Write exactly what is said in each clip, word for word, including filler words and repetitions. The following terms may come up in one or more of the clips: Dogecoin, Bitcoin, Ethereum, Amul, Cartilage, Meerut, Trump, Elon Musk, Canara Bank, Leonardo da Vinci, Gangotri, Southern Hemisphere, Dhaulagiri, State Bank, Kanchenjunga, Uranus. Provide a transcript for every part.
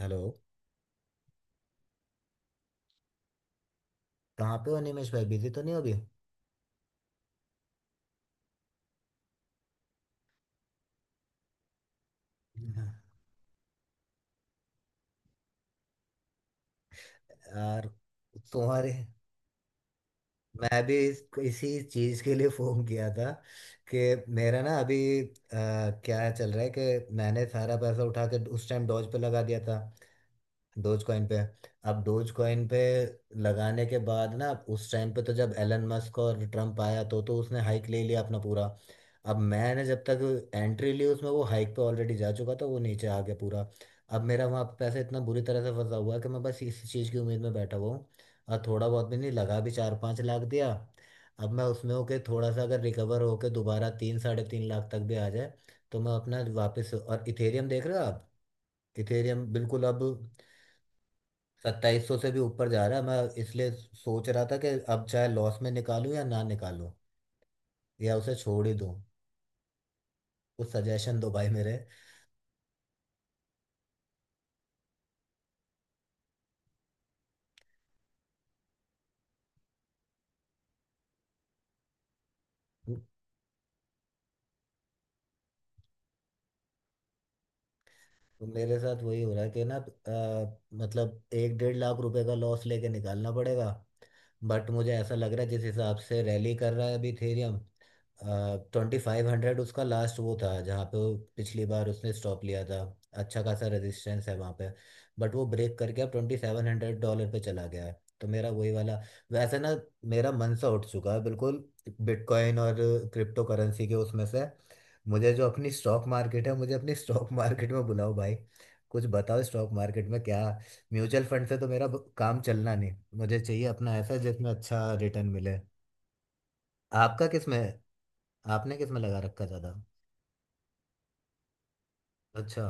Hello. कहाँ पे हो निमेश भाई? बिजी तो नहीं हो अभी? हाँ। यार, तुम्हारे... मैं भी इस- इसी चीज के लिए फोन किया था कि मेरा ना अभी अ, क्या चल रहा है, कि मैंने सारा पैसा उठा के उस टाइम डॉज पे लगा दिया था। डोज कॉइन पे। अब डोज कॉइन पे लगाने के बाद ना उस टाइम पे तो जब एलन मस्क और ट्रम्प आया तो तो उसने हाइक ले लिया अपना पूरा। अब मैंने जब तक एंट्री ली उसमें, वो हाइक पे ऑलरेडी जा चुका था, वो नीचे आ गया पूरा। अब मेरा वहाँ पे पैसा इतना बुरी तरह से फंसा हुआ है कि मैं बस इसी चीज़ की उम्मीद में बैठा हुआ हूँ। और थोड़ा बहुत भी नहीं लगा, भी चार पाँच लाख दिया। अब मैं उसमें होके थोड़ा सा अगर रिकवर होके दोबारा तीन साढ़े तीन लाख तक भी आ जाए तो मैं अपना वापस। और इथेरियम देख रहे हो आप? इथेरियम बिल्कुल अब सत्ताईस सौ से भी ऊपर जा रहा है। मैं इसलिए सोच रहा था कि अब चाहे लॉस में निकालूं या ना निकालूं, या उसे छोड़ ही दूं। कुछ सजेशन दो भाई मेरे। तो मेरे साथ वही हो रहा है कि ना, अ, मतलब एक डेढ़ लाख रुपए का लॉस लेके निकालना पड़ेगा। बट मुझे ऐसा लग रहा है, जिस हिसाब से रैली कर रहा है अभी इथेरियम, ट्वेंटी फाइव हंड्रेड उसका लास्ट वो था जहाँ पे वो पिछली बार उसने स्टॉप लिया था। अच्छा खासा रेजिस्टेंस है वहाँ पे। बट वो ब्रेक करके अब ट्वेंटी सेवन हंड्रेड डॉलर पे चला गया है, तो मेरा वही वाला। वैसे ना, मेरा मन सा उठ चुका है बिल्कुल बिटकॉइन और क्रिप्टो करेंसी के उसमें से। मुझे जो अपनी स्टॉक मार्केट है, मुझे अपनी स्टॉक मार्केट में बुलाओ भाई। कुछ बताओ स्टॉक मार्केट में क्या। म्यूचुअल फंड से तो मेरा ब- काम चलना नहीं। मुझे चाहिए अपना ऐसा जिसमें अच्छा रिटर्न मिले। आपका किस में है? आपने किस में लगा रखा ज्यादा? अच्छा।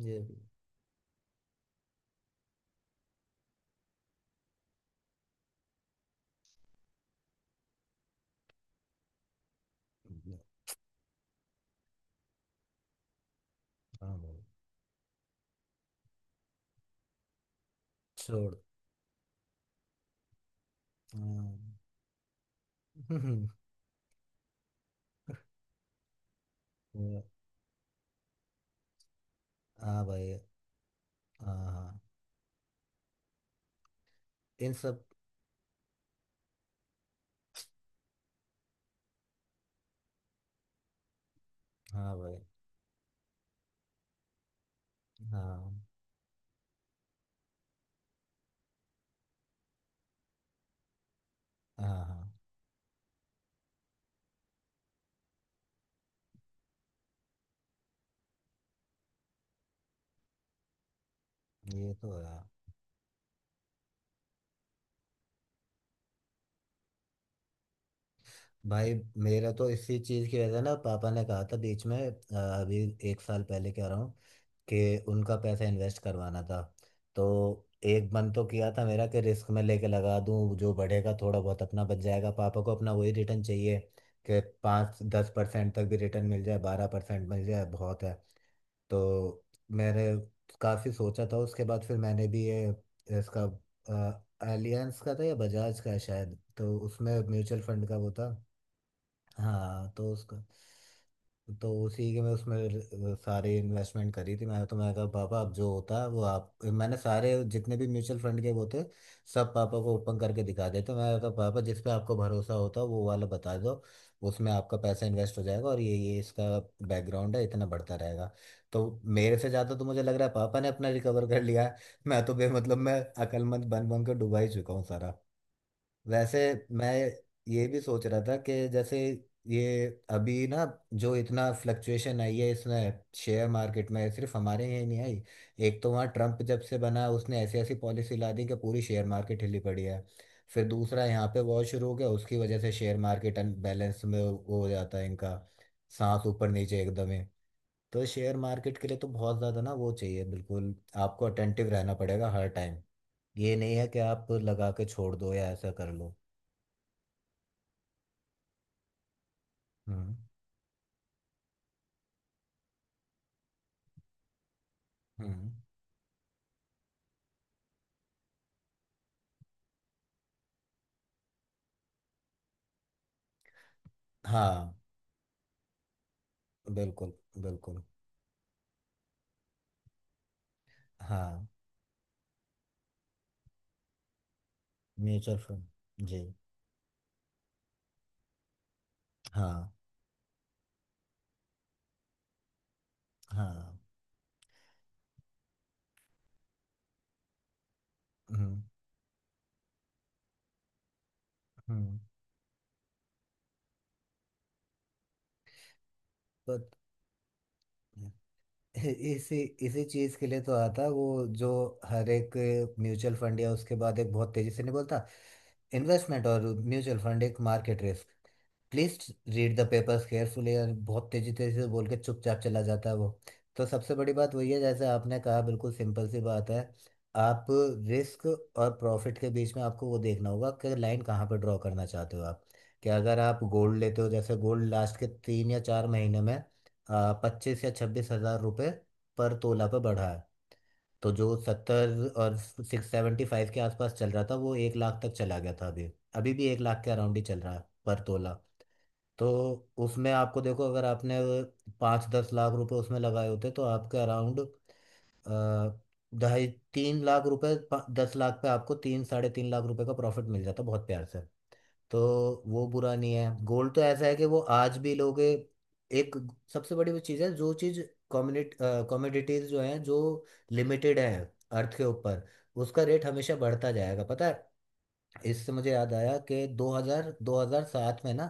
ये। हाँ भाई। छोड़। हाँ। हम्म। ये- हाँ भाई। हाँ, हाँ। इन सब। हाँ भाई। हाँ, हाँ। हाँ। ये तो है। भाई, मेरा तो इसी चीज़ की वजह से ना पापा ने कहा था बीच में, अ, अभी एक साल पहले कह रहा हूँ, कि उनका पैसा इन्वेस्ट करवाना था। तो एक मन तो किया था मेरा कि रिस्क में लेके लगा दूं, जो बढ़ेगा थोड़ा बहुत अपना बच जाएगा। पापा को अपना वही रिटर्न चाहिए कि पाँच दस परसेंट तक भी रिटर्न मिल जाए, बारह परसेंट मिल जाए, बहुत है। तो मैंने काफ़ी सोचा था, उसके बाद फिर मैंने भी ये इसका एलियंस का था या बजाज का है शायद, तो उसमें म्यूचुअल फंड का वो था। हाँ, तो उसका। तो उसी के मैं उसमें सारी इन्वेस्टमेंट करी थी मैंने। तो मैंने कहा पापा अब जो होता है वो आप, मैंने सारे जितने भी म्यूचुअल फंड के वो थे सब पापा को ओपन करके दिखा देते। मैंने कहा पापा जिस पे आपको भरोसा होता है वो वाला बता दो, उसमें आपका पैसा इन्वेस्ट हो जाएगा, और ये ये इसका बैकग्राउंड है, इतना बढ़ता रहेगा। तो मेरे से ज़्यादा तो मुझे लग रहा है पापा ने अपना रिकवर कर लिया है। मैं तो बे मतलब मैं अकलमंद बन बन के डुबा ही चुका हूँ सारा। वैसे मैं ये भी सोच रहा था कि जैसे ये अभी ना, जो इतना फ्लक्चुएशन आई है इसमें शेयर मार्केट में, सिर्फ हमारे यहाँ ही नहीं आई। एक तो वहाँ ट्रम्प जब से बना उसने ऐसी ऐसी पॉलिसी ला दी कि पूरी शेयर मार्केट हिली पड़ी है। फिर दूसरा यहाँ पे वॉर शुरू हो गया, उसकी वजह से शेयर मार्केट अनबैलेंस में वो हो जाता है इनका, सांस ऊपर नीचे एकदम ही। तो शेयर मार्केट के लिए तो बहुत ज़्यादा ना वो चाहिए बिल्कुल। आपको अटेंटिव रहना पड़ेगा हर टाइम। ये नहीं है कि आप लगा के छोड़ दो या ऐसा कर लो। हम्म। हम्म। हाँ। बिल्कुल, बिल्कुल। हाँ। Mutual fund. जी। हाँ, हाँ। हम्म। हम्म। बट इसी इसी चीज के लिए तो आता है वो जो हर एक म्यूचुअल फंड, या उसके बाद एक बहुत तेजी से नहीं बोलता, इन्वेस्टमेंट और म्यूचुअल फंड एक market risk, please read the papers carefully, और बहुत तेजी तेजी से बोल के चुपचाप चला जाता है वो। तो सबसे बड़ी बात वही है, जैसे आपने कहा, बिल्कुल सिंपल सी बात है। आप रिस्क और प्रॉफिट के बीच में आपको वो देखना होगा कि लाइन कहाँ पर ड्रॉ करना चाहते हो आप। कि अगर आप गोल्ड लेते हो, जैसे गोल्ड लास्ट के तीन या चार महीने में पच्चीस या छब्बीस हजार रुपये पर तोला पर बढ़ा है। तो जो सत्तर और सिक्स सेवेंटी फाइव के आसपास चल रहा था, वो एक लाख तक चला गया था अभी। अभी भी एक लाख के अराउंड ही चल रहा है पर तोला। तो उसमें आपको देखो, अगर आपने पाँच दस लाख रुपए उसमें लगाए होते तो आपके अराउंड ढाई तीन लाख रुपए, पा- दस लाख पे आपको तीन साढ़े तीन लाख रुपए का प्रॉफिट मिल जाता बहुत प्यार से। तो वो बुरा नहीं है गोल्ड। तो ऐसा है कि वो आज भी लोग एक सबसे बड़ी वो चीज़ है, जो चीज़ कम्युनिट कमोडिटीज जो हैं जो लिमिटेड है अर्थ के ऊपर, उसका रेट हमेशा बढ़ता जाएगा पता है। इससे मुझे याद आया कि दो हज़ार दो हज़ार सात में ना,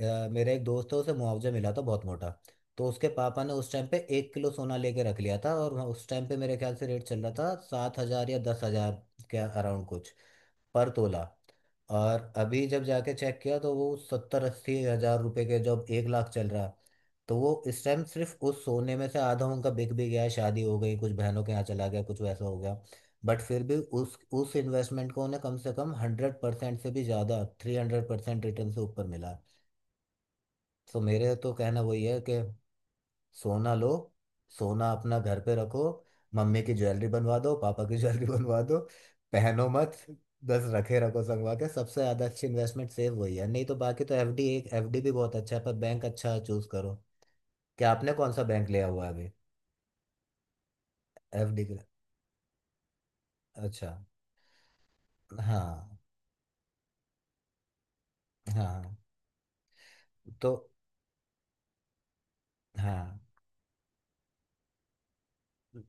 अ, मेरा एक दोस्त है उसे मुआवजा मिला था बहुत मोटा। तो उसके पापा ने उस टाइम पे एक किलो सोना लेके रख लिया था, और वहाँ- उस टाइम पे मेरे ख्याल से रेट चल रहा था सात हजार या दस हजार के अराउंड कुछ, पर तोला। और अभी जब जाके चेक किया तो वो सत्तर अस्सी हजार रुपए के, जब एक लाख चल रहा है। तो वो इस टाइम सिर्फ उस सोने में से आधा उनका बिक भी गया है, शादी हो गई कुछ, बहनों के यहाँ चला गया कुछ, वैसा हो गया। बट फिर भी उस उस इन्वेस्टमेंट को उन्हें कम से कम हंड्रेड परसेंट से भी ज़्यादा, थ्री हंड्रेड परसेंट रिटर्न से ऊपर मिला। तो मेरे तो कहना वही है कि सोना लो, सोना अपना घर पे रखो, मम्मी की ज्वेलरी बनवा दो, पापा की ज्वेलरी बनवा दो। पहनो मत, बस रखे रखो संगवा के। सबसे ज्यादा अच्छी इन्वेस्टमेंट सेव वही है। नहीं तो बाकी तो एफडी, एक एफडी भी बहुत अच्छा है, पर बैंक अच्छा चूज करो। क्या आपने कौन सा बैंक लिया हुआ है अभी? एफडी के लिए? अच्छा। हाँ। हाँ। तो। हाँ।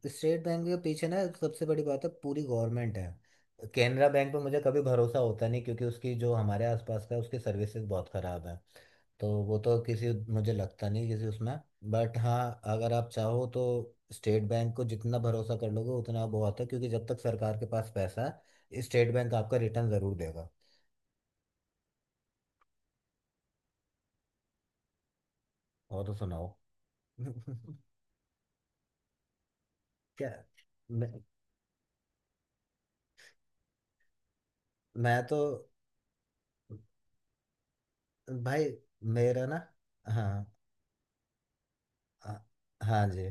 स्टेट बैंक के पीछे ना सबसे बड़ी बात है, पूरी गवर्नमेंट है। केनरा बैंक पे मुझे कभी भरोसा होता नहीं, क्योंकि उसकी जो हमारे आसपास का है, उसकी सर्विसेज बहुत खराब है। तो वो तो किसी, मुझे लगता नहीं किसी उसमें। बट हाँ, अगर आप चाहो तो स्टेट बैंक को जितना भरोसा कर लोगे उतना बहुत है, क्योंकि जब तक सरकार के पास पैसा है, स्टेट बैंक आपका रिटर्न जरूर देगा। और तो सुनाओ। क्या। मैं। मैं तो। भाई, मेरा ना। हाँ। हाँ। हाँ जी।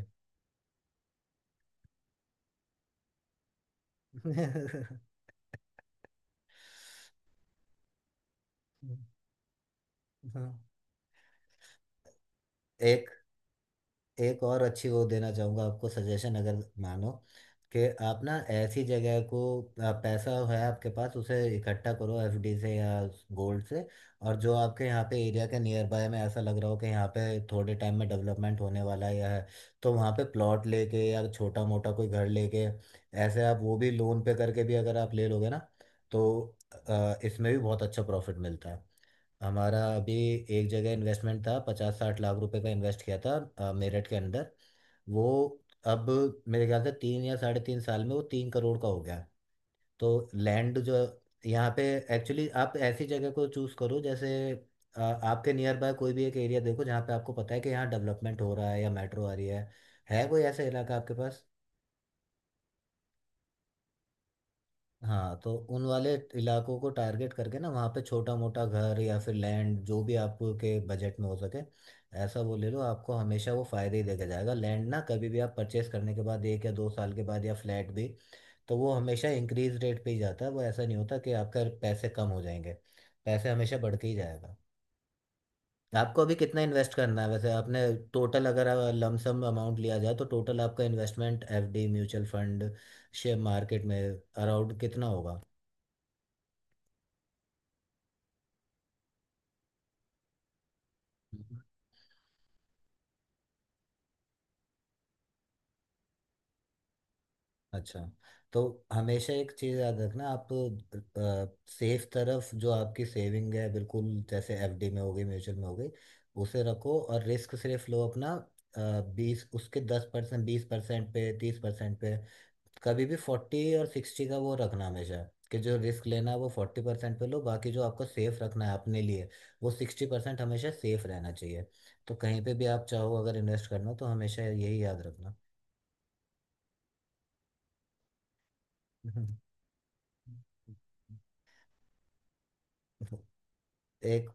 एक। एक और अच्छी वो देना चाहूँगा आपको सजेशन। अगर मानो कि आप ना ऐसी जगह को, आ, पैसा है आपके पास उसे इकट्ठा करो एफडी से या गोल्ड से, और जो आपके यहाँ पे एरिया के नियर बाय में ऐसा लग रहा हो कि यहाँ पे थोड़े टाइम में डेवलपमेंट होने वाला है या है, तो वहाँ पे प्लॉट लेके या छोटा मोटा कोई घर लेके, ऐसे आप वो भी लोन पे करके भी अगर आप ले लोगे ना, तो आ, इसमें भी बहुत अच्छा प्रॉफिट मिलता है। हमारा अभी एक जगह इन्वेस्टमेंट था, पचास साठ लाख रुपए का इन्वेस्ट किया था अ, मेरठ के अंदर। वो अब मेरे ख्याल से तीन या साढ़े तीन साल में वो तीन करोड़ का हो गया। तो लैंड जो यहाँ पे, एक्चुअली आप ऐसी जगह को चूज करो जैसे, अ, आपके नियर बाय कोई भी एक एरिया देखो, जहाँ पे आपको पता है कि यहाँ डेवलपमेंट हो रहा है या मेट्रो आ रही है। है कोई ऐसा इलाका आपके पास? हाँ, तो उन वाले इलाकों को टारगेट करके ना, वहाँ पे छोटा मोटा घर या फिर लैंड, जो भी आपके बजट में हो सके ऐसा वो ले लो। आपको हमेशा वो फायदे ही देके जाएगा लैंड, ना कभी भी आप परचेस करने के बाद एक या दो साल के बाद, या फ्लैट भी, तो वो हमेशा इंक्रीज रेट पे ही जाता है। वो ऐसा नहीं होता कि आपका पैसे कम हो जाएंगे, पैसे हमेशा बढ़ के ही जाएगा। आपको अभी कितना इन्वेस्ट करना है वैसे आपने? टोटल अगर लमसम अमाउंट लिया जाए, तो टोटल आपका investment FD, mutual fund, share market में अराउंड कितना होगा? अच्छा। तो हमेशा एक चीज़ याद रखना आप, सेफ तरफ जो आपकी सेविंग है, बिल्कुल जैसे एफडी में हो गई म्यूचुअल में हो गई, उसे रखो, और रिस्क सिर्फ लो अपना बीस, उसके दस परसेंट, बीस परसेंट पे, तीस परसेंट पे। कभी भी फोर्टी और सिक्सटी का वो रखना हमेशा, कि जो रिस्क लेना है वो फोर्टी परसेंट पे लो, बाकी जो आपको सेफ रखना है अपने लिए वो सिक्सटी परसेंट हमेशा सेफ रहना चाहिए। तो कहीं पे भी आप चाहो अगर इन्वेस्ट करना, तो हमेशा यही याद रखना। एक।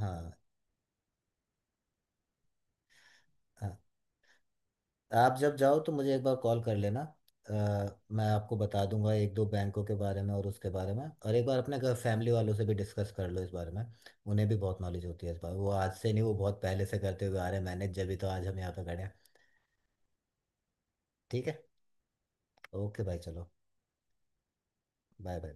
हाँ। हाँ। आप जब जाओ तो मुझे एक बार कॉल कर लेना। अ, मैं आपको बता दूंगा एक दो बैंकों के बारे में और उसके बारे में, और एक बार अपने घर फैमिली वालों से भी डिस्कस कर लो इस बारे में। उन्हें भी बहुत नॉलेज होती है इस बारे में। वो आज से नहीं, वो बहुत पहले से करते हुए आ रहे हैं मैनेज, जब भी, तो आज हम यहाँ पे खड़े हैं। ठीक है। ओके भाई चलो। बाय। बाय